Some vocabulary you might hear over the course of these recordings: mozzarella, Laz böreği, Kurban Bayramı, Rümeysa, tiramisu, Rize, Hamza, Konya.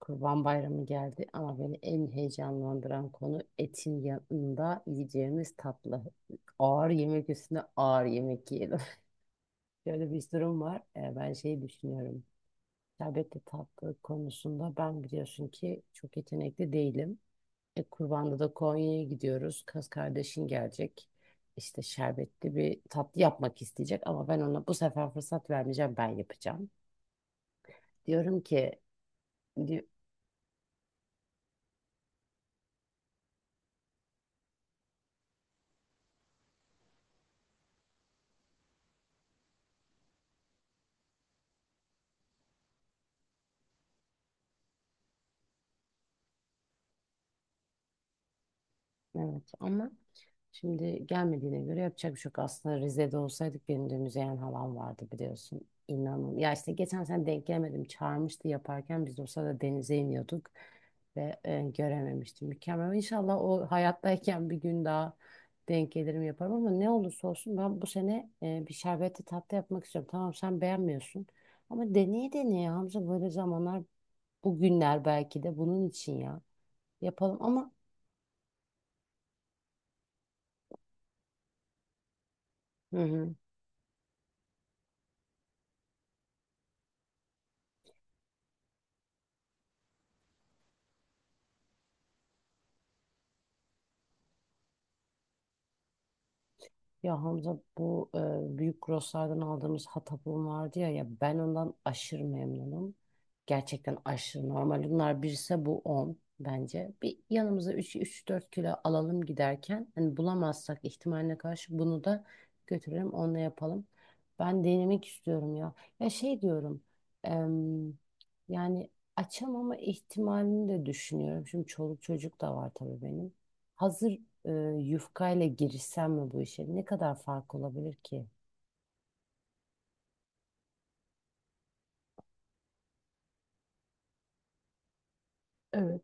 Kurban Bayramı geldi ama beni en heyecanlandıran konu etin yanında yiyeceğimiz tatlı. Ağır yemek üstüne ağır yemek yiyelim. Şöyle bir durum var. Ben şey düşünüyorum. Şerbetli tatlı konusunda ben biliyorsun ki çok yetenekli değilim. Kurbanda da Konya'ya gidiyoruz. Kız kardeşin gelecek. İşte şerbetli bir tatlı yapmak isteyecek ama ben ona bu sefer fırsat vermeyeceğim. Ben yapacağım. Diyorum ki, di- evet, ama şimdi gelmediğine göre yapacak bir şey yok. Aslında Rize'de olsaydık benim de müzeyen halam vardı biliyorsun. İnanın. Ya işte geçen sene denk gelemedim. Çağırmıştı yaparken biz de o sırada denize iniyorduk. Ve görememiştim. Mükemmel. İnşallah o hayattayken bir gün daha denk gelirim yaparım. Ama ne olursa olsun ben bu sene bir şerbetli tatlı yapmak istiyorum. Tamam, sen beğenmiyorsun. Ama deneye deneye Hamza, böyle zamanlar, bugünler belki de bunun için ya. Yapalım ama... Hı hı. Ya Hamza, bu büyük grosslardan aldığımız hatapım vardı ya, ya ben ondan aşırı memnunum. Gerçekten aşırı normal. Bunlar birse bu 10 bence. Bir yanımıza 3-4 kilo alalım giderken. Hani bulamazsak ihtimaline karşı bunu da götürelim, onunla yapalım. Ben denemek istiyorum ya. Ya şey diyorum, em, yani açamama ihtimalini de düşünüyorum. Şimdi çoluk çocuk da var tabii benim. Hazır, e, yufkayla girişsem mi bu işe? Ne kadar fark olabilir ki? Evet.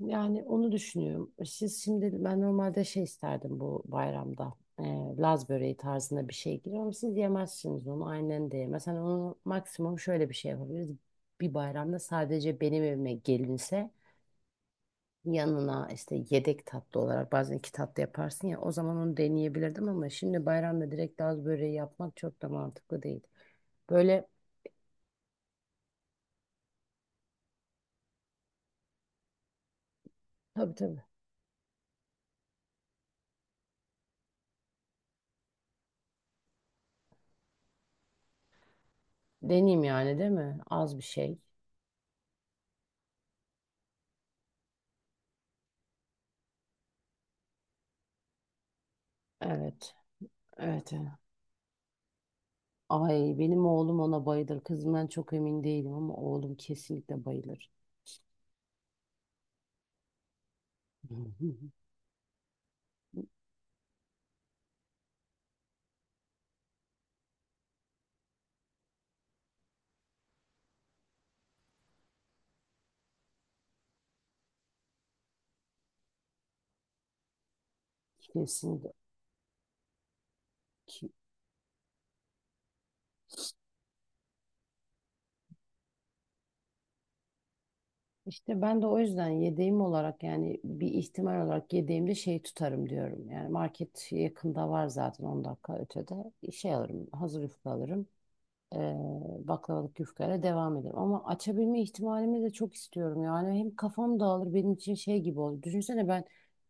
Yani onu düşünüyorum. Siz şimdi, ben normalde şey isterdim bu bayramda. Laz böreği tarzında bir şey girer ama siz yemezsiniz onu. Aynen de yemez. Hani onu maksimum şöyle bir şey yapabiliriz. Bir bayramda sadece benim evime gelinse, yanına işte yedek tatlı olarak bazen iki tatlı yaparsın ya, o zaman onu deneyebilirdim ama şimdi bayramda direkt Laz böreği yapmak çok da mantıklı değil. Böyle. Tabii tabii. Deneyim yani, değil mi? Az bir şey. Evet. Evet. Evet. Ay, benim oğlum ona bayılır. Kızımdan çok emin değilim ama oğlum kesinlikle bayılır. Kesinlikle. Ki- İşte ben de o yüzden yedeğim olarak, yani bir ihtimal olarak yedeğimde şey tutarım diyorum. Yani market yakında var zaten, 10 dakika ötede. Şey alırım, hazır yufka alırım. e, Baklavalık yufkayla devam ederim. Ama açabilme ihtimalimi de çok istiyorum. Yani hem kafam dağılır, benim için şey gibi olur. Düşünsene, ben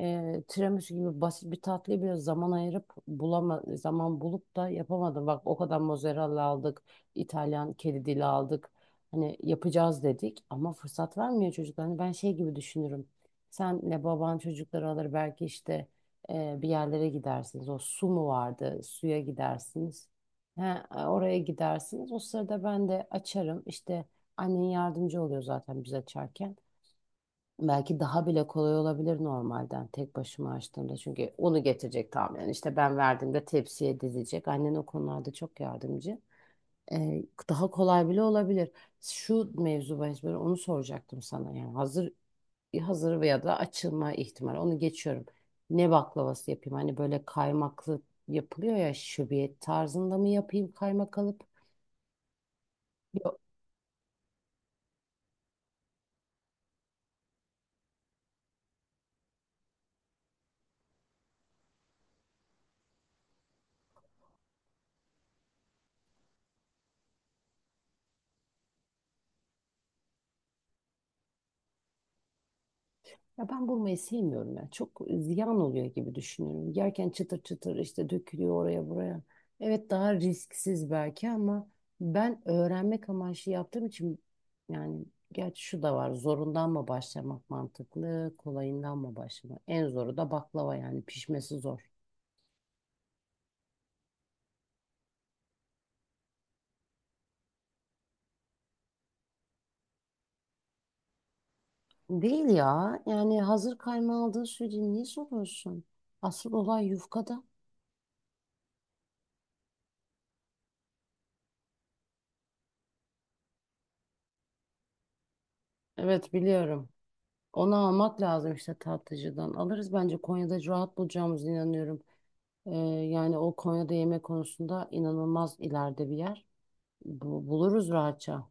tiramisu gibi basit bir tatlıyı biraz zaman ayırıp zaman bulup da yapamadım. Bak, o kadar mozzarella aldık, İtalyan kedi dili aldık. Hani yapacağız dedik ama fırsat vermiyor çocuklar. Hani ben şey gibi düşünürüm. Senle baban çocukları alır belki işte, bir yerlere gidersiniz. O su mu vardı? Suya gidersiniz. He, oraya gidersiniz. O sırada ben de açarım. İşte annen yardımcı oluyor zaten biz açarken. Belki daha bile kolay olabilir normalden, tek başıma açtığımda. Çünkü onu getirecek tahminen. İşte ben verdiğimde tepsiye dizecek. Annen o konularda çok yardımcı. Ee, Daha kolay bile olabilir. Şu mevzu bahis, böyle onu soracaktım sana. Yani hazır veya da açılma ihtimali. Onu geçiyorum. Ne baklavası yapayım? Hani böyle kaymaklı yapılıyor ya, şöbiyet tarzında mı yapayım kaymak alıp? Ya ben bulmayı sevmiyorum ya. Çok ziyan oluyor gibi düşünüyorum. Yerken çıtır çıtır işte dökülüyor oraya buraya. Evet, daha risksiz belki ama ben öğrenmek amaçlı yaptığım için, yani gerçi şu da var. Zorundan mı başlamak mantıklı, kolayından mı başlamak? En zoru da baklava, yani pişmesi zor. Değil ya. Yani hazır kaymağı aldığın sürece niye soruyorsun? Asıl olay yufkada. Evet, biliyorum. Onu almak lazım işte tatlıcıdan. Alırız, bence Konya'da rahat bulacağımızı inanıyorum. Ee, Yani o, Konya'da yemek konusunda inanılmaz ileride bir yer. Buluruz rahatça.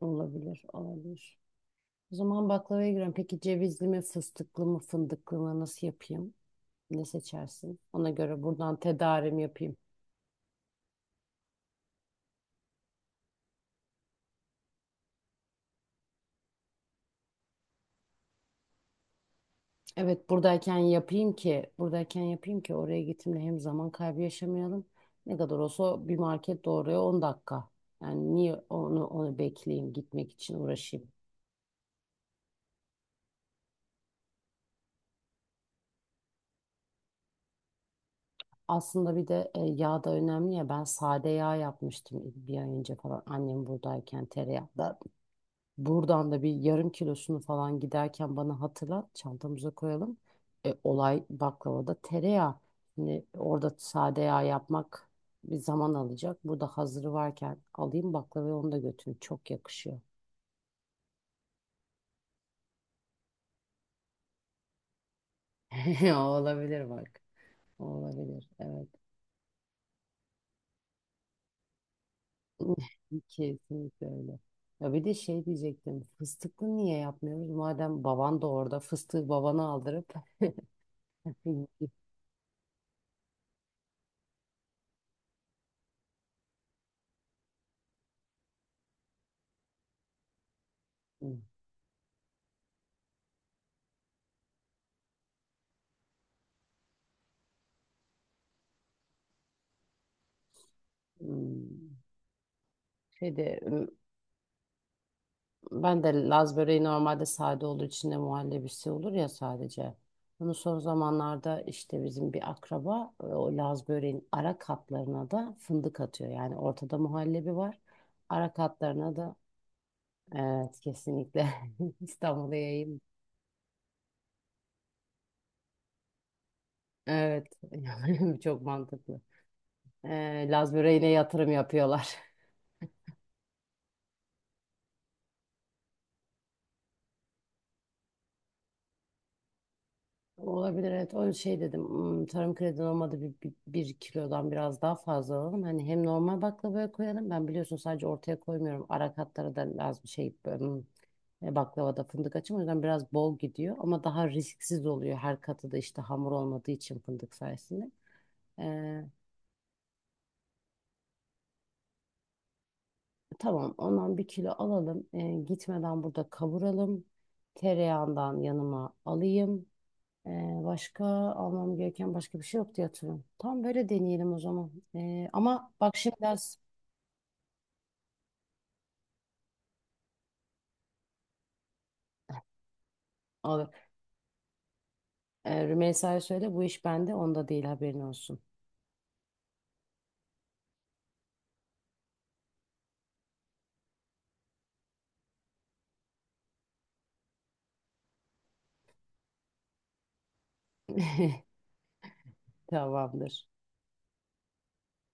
Olabilir, olabilir. O zaman baklavaya girelim. Peki cevizli mi, fıstıklı mı, fındıklı mı, nasıl yapayım? Ne seçersin? Ona göre buradan tedarim yapayım. Evet, buradayken yapayım ki oraya gittiğimde hem zaman kaybı yaşamayalım. Ne kadar olsa bir market doğruya 10 dakika. Yani niye onu bekleyeyim, gitmek için uğraşayım. Aslında bir de yağ da önemli ya. Ben sade yağ yapmıştım bir ay önce falan, annem buradayken tereyağı. Buradan da bir yarım kilosunu falan, giderken bana hatırlat, çantamıza koyalım. Olay baklavada tereyağı. Şimdi orada sade yağ yapmak bir zaman alacak. Burada hazırı varken alayım baklavayı, onu da götürün. Çok yakışıyor. Olabilir bak. Olabilir. Evet. Kesinlikle öyle. Ya bir de şey diyecektim. Fıstıklı niye yapmıyoruz? Madem baban da orada, fıstığı babana aldırıp... Hmm. Şeyde. Ben de. Laz böreği normalde sade olur. içinde muhallebisi olur ya, sadece. Bunu son zamanlarda işte bizim bir akraba, o Laz böreğin ara katlarına da fındık atıyor. Yani ortada muhallebi var. Ara katlarına da, evet, kesinlikle. İstanbul'a yayın. Evet, çok mantıklı. Laz böreğine yatırım yapıyorlar. Olabilir, evet, o şey dedim, "Hmm, tarım kredi olmadı, bir kilodan biraz daha fazla alalım. Hani hem normal baklavaya koyalım, ben biliyorsun sadece ortaya koymuyorum, ara katlara da lazım şey, baklavada fındık açım o yüzden biraz bol gidiyor ama daha risksiz oluyor, her katı da işte hamur olmadığı için fındık sayesinde. Ee, tamam, ondan 1 kilo alalım. Gitmeden burada kavuralım, tereyağından yanıma alayım. Ee, Başka almam gereken başka bir şey yok diye hatırlıyorum. Tam böyle deneyelim o zaman. Ama bak, şimdi ders alır. Rümeysa'ya söyle, bu iş bende, onda değil, haberin olsun. Tamamdır.